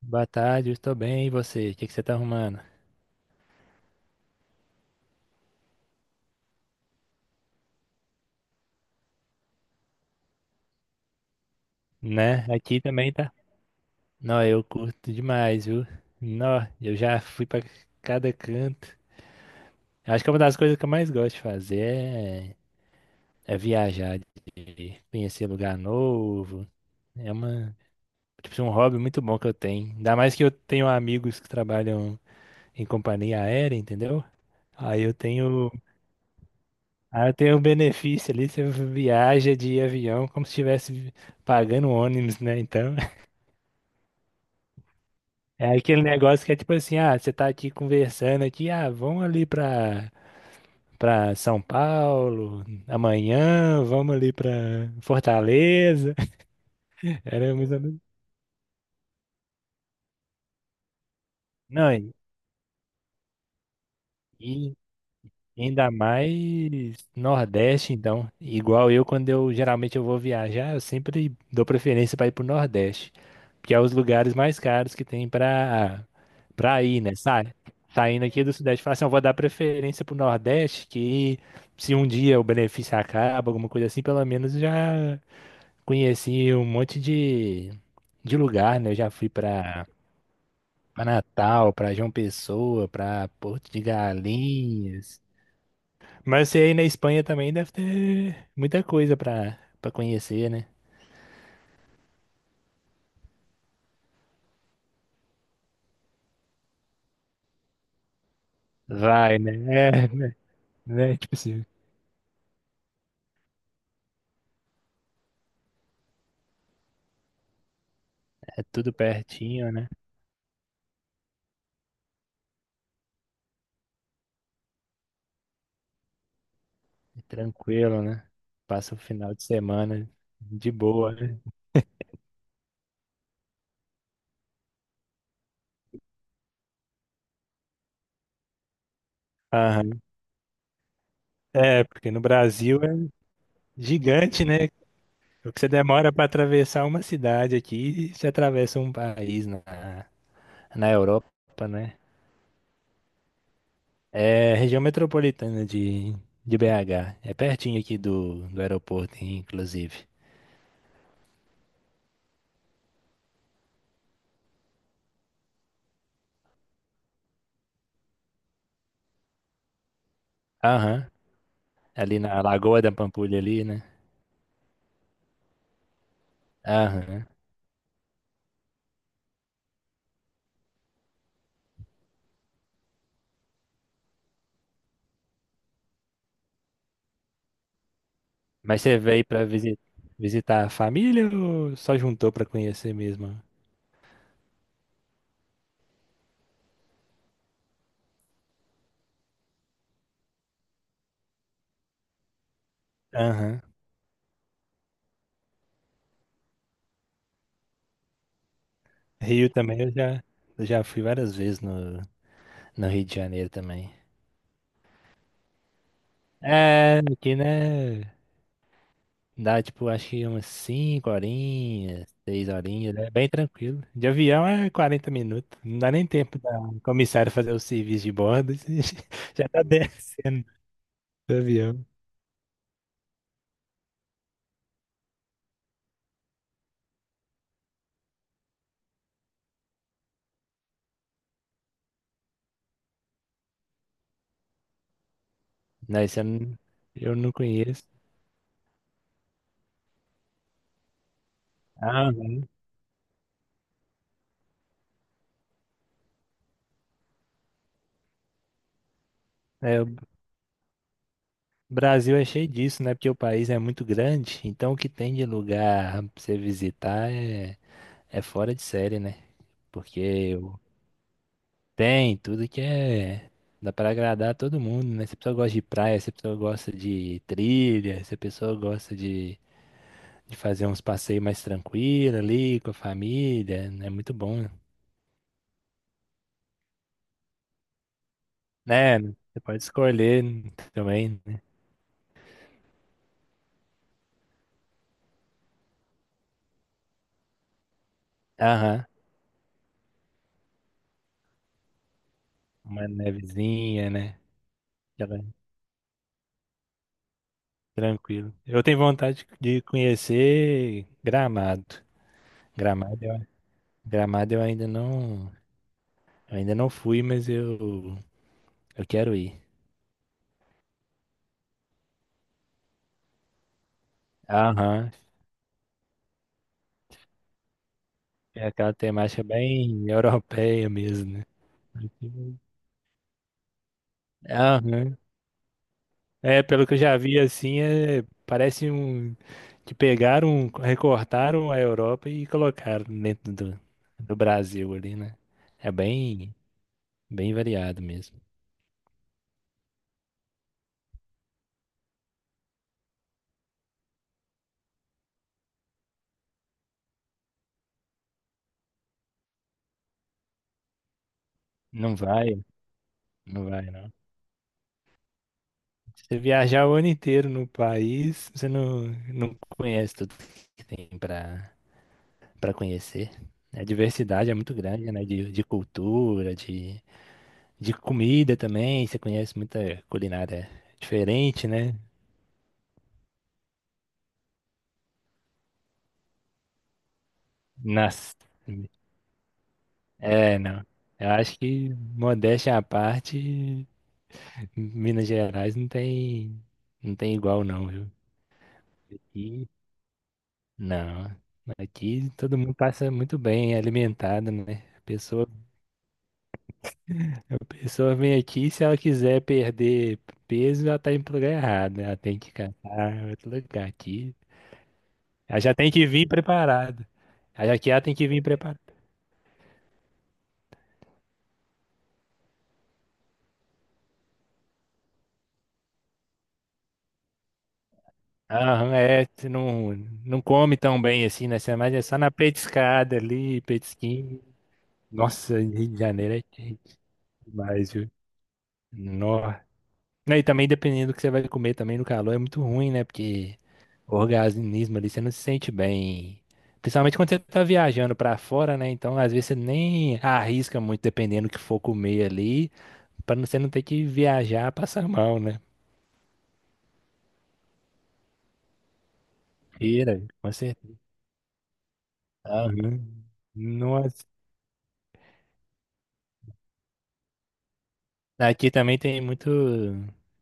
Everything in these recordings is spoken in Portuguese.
Boa tarde, eu estou bem. E você? O que você tá arrumando? Né? Aqui também tá. Não, eu curto demais, viu? Não, eu já fui pra cada canto. Acho que é uma das coisas que eu mais gosto de fazer é viajar, de conhecer lugar novo. É uma, tipo, um hobby muito bom que eu tenho. Ainda mais que eu tenho amigos que trabalham em companhia aérea, entendeu? Aí eu tenho, aí eu tenho um benefício ali, você viaja de avião como se estivesse pagando ônibus, né? Então é aquele negócio que é tipo assim, ah, você tá aqui conversando aqui, ah, vamos ali pra São Paulo amanhã, vamos ali pra Fortaleza. Era mais ou menos- Não, e ainda mais Nordeste, então. Igual eu, quando eu geralmente eu vou viajar, eu sempre dou preferência pra ir pro Nordeste, que é os lugares mais caros que tem para ir, né? Saindo aqui do Sudeste, fala assim, eu vou dar preferência pro Nordeste, que, se um dia o benefício acaba, alguma coisa assim, pelo menos já conheci um monte de lugar, né? Eu já fui para Pra Natal, para João Pessoa, para Porto de Galinhas. Mas você aí na Espanha também deve ter muita coisa para conhecer, né? Vai, né? É, né? Tipo assim, é tudo pertinho, né? Tranquilo, né? Passa o final de semana de boa, né? Aham. É, porque no Brasil é gigante, né? O que você demora para atravessar uma cidade aqui, você atravessa um país na Europa, né? É região metropolitana de BH. É pertinho aqui do aeroporto, inclusive. Aham. Ali na Lagoa da Pampulha ali, né? Aham. Mas você veio para visitar a família ou só juntou para conhecer mesmo? Aham. Rio também eu já, Eu já fui várias vezes no Rio de Janeiro também. É, aqui, né? Dá tipo, acho que umas 5 horinhas, 6 horinhas, né? Bem tranquilo. De avião é 40 minutos. Não dá nem tempo da comissária fazer o serviço de bordo. Você já tá descendo do avião. Não, isso eu não, eu não conheço. Ah, uhum. É, o Brasil é cheio disso, né? Porque o país é muito grande, então o que tem de lugar pra você visitar é fora de série, né? Porque o- Tem tudo que é. Dá pra agradar todo mundo, né? Se a pessoa gosta de praia, se a pessoa gosta de trilha, se a pessoa gosta de fazer uns passeios mais tranquilos ali com a família, é muito bom, né? Né? Você pode escolher também, né? Aham, uma nevezinha, né? Aquela- Tranquilo. Eu tenho vontade de conhecer Gramado. Gramado, eu- Gramado eu ainda não, eu ainda não fui, mas eu quero ir. Aham. É aquela temática bem europeia mesmo, né? Aham. É, pelo que eu já vi, assim, é, parece um que pegaram, recortaram a Europa e colocaram dentro do Brasil ali, né? É bem variado mesmo. Não vai, não vai, não. Se você viajar o ano inteiro no país, você não, não conhece tudo que tem para conhecer. A diversidade é muito grande, né? De cultura, de... De comida também, você conhece muita culinária diferente, né? Nas... É, não. Eu acho que, Modéstia à parte, Minas Gerais não tem, não tem igual, não, viu? E não. Aqui todo mundo passa muito bem, é alimentado, né? A pessoa vem aqui, se ela quiser perder peso, ela tá indo pro lugar errado, né? Ela tem que catar outro lugar aqui. Ela já tem que vir preparada. Aí Aqui ela tem que vir preparada. Aham, é, você não, não come tão bem assim, né? Você é mais é só na petiscada ali, petisquinho. Nossa, Rio de Janeiro é quente demais, viu? Nó. Não, e também dependendo do que você vai comer também no calor é muito ruim, né? Porque o organismo ali você não se sente bem. Principalmente quando você tá viajando pra fora, né? Então, às vezes você nem arrisca muito dependendo do que for comer ali, pra não- você não ter que viajar passar mal, né? Feira, com certeza. Aham. Nossa. Aqui também tem muito,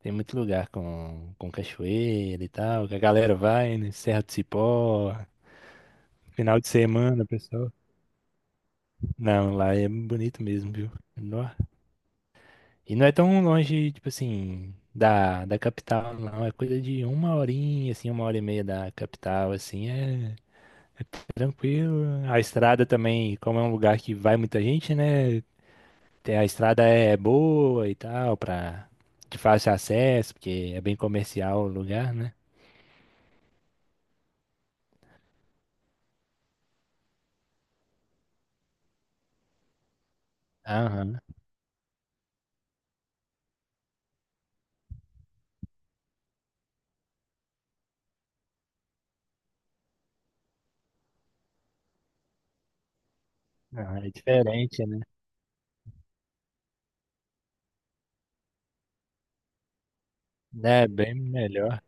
Tem muito lugar com cachoeira e tal, que a galera vai, né? Serra do Cipó, final de semana, pessoal. Não, lá é bonito mesmo, viu? Nó. E não é tão longe, tipo assim, da capital, não. É coisa de uma horinha, assim, uma hora e meia da capital, assim, é tranquilo. A estrada também, como é um lugar que vai muita gente, né? A estrada é boa e tal, pra, de fácil acesso, porque é bem comercial o lugar, né? Aham, aham, É diferente, né? É bem melhor.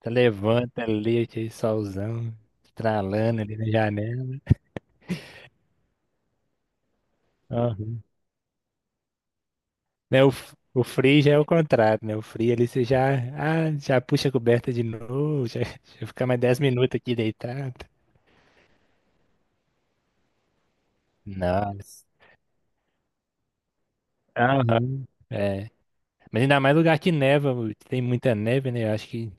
Você levanta ali, aquele solzão estralando ali na janela. Aham. Né? O frio já é o contrário, né? O frio ali você já, Ah, já puxa a coberta de novo, já fica mais 10 minutos aqui deitado. Nossa. Aham. É. Mas ainda mais lugar que neva, tem muita neve, né? Eu acho que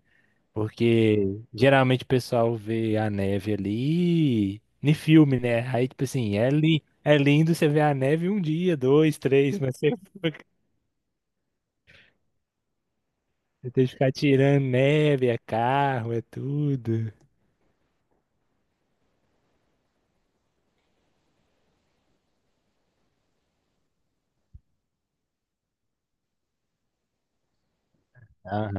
Porque geralmente o pessoal vê a neve ali em filme, né? Aí, tipo assim, é, li é lindo você ver a neve um dia, dois, três, você tem que ficar tirando neve, é carro, é tudo. Ah,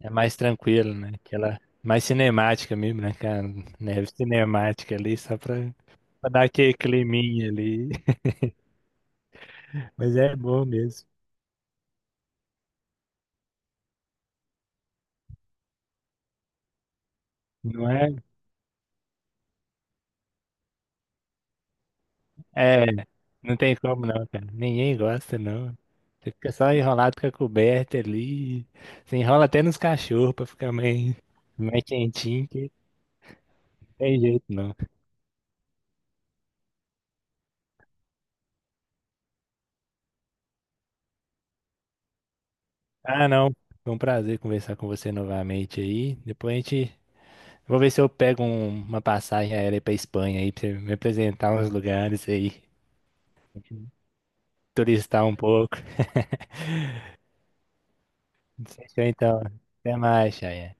é mais tranquilo, né? Aquela mais cinemática mesmo, né? Aquela neve cinemática ali, pra dar aquele climinha ali. Mas é bom mesmo. Não é... É, não tem como não, cara. Ninguém gosta, não. Você fica só enrolado com a coberta ali. Você enrola até nos cachorros pra ficar mais, mais quentinho, que não tem jeito, não. Ah, não. Foi um prazer conversar com você novamente aí. Depois a gente... Vou ver se eu pego um- uma passagem aérea pra Espanha aí, pra você me apresentar uns lugares aí. Turistar um pouco. Fechou então. Até mais, Chay.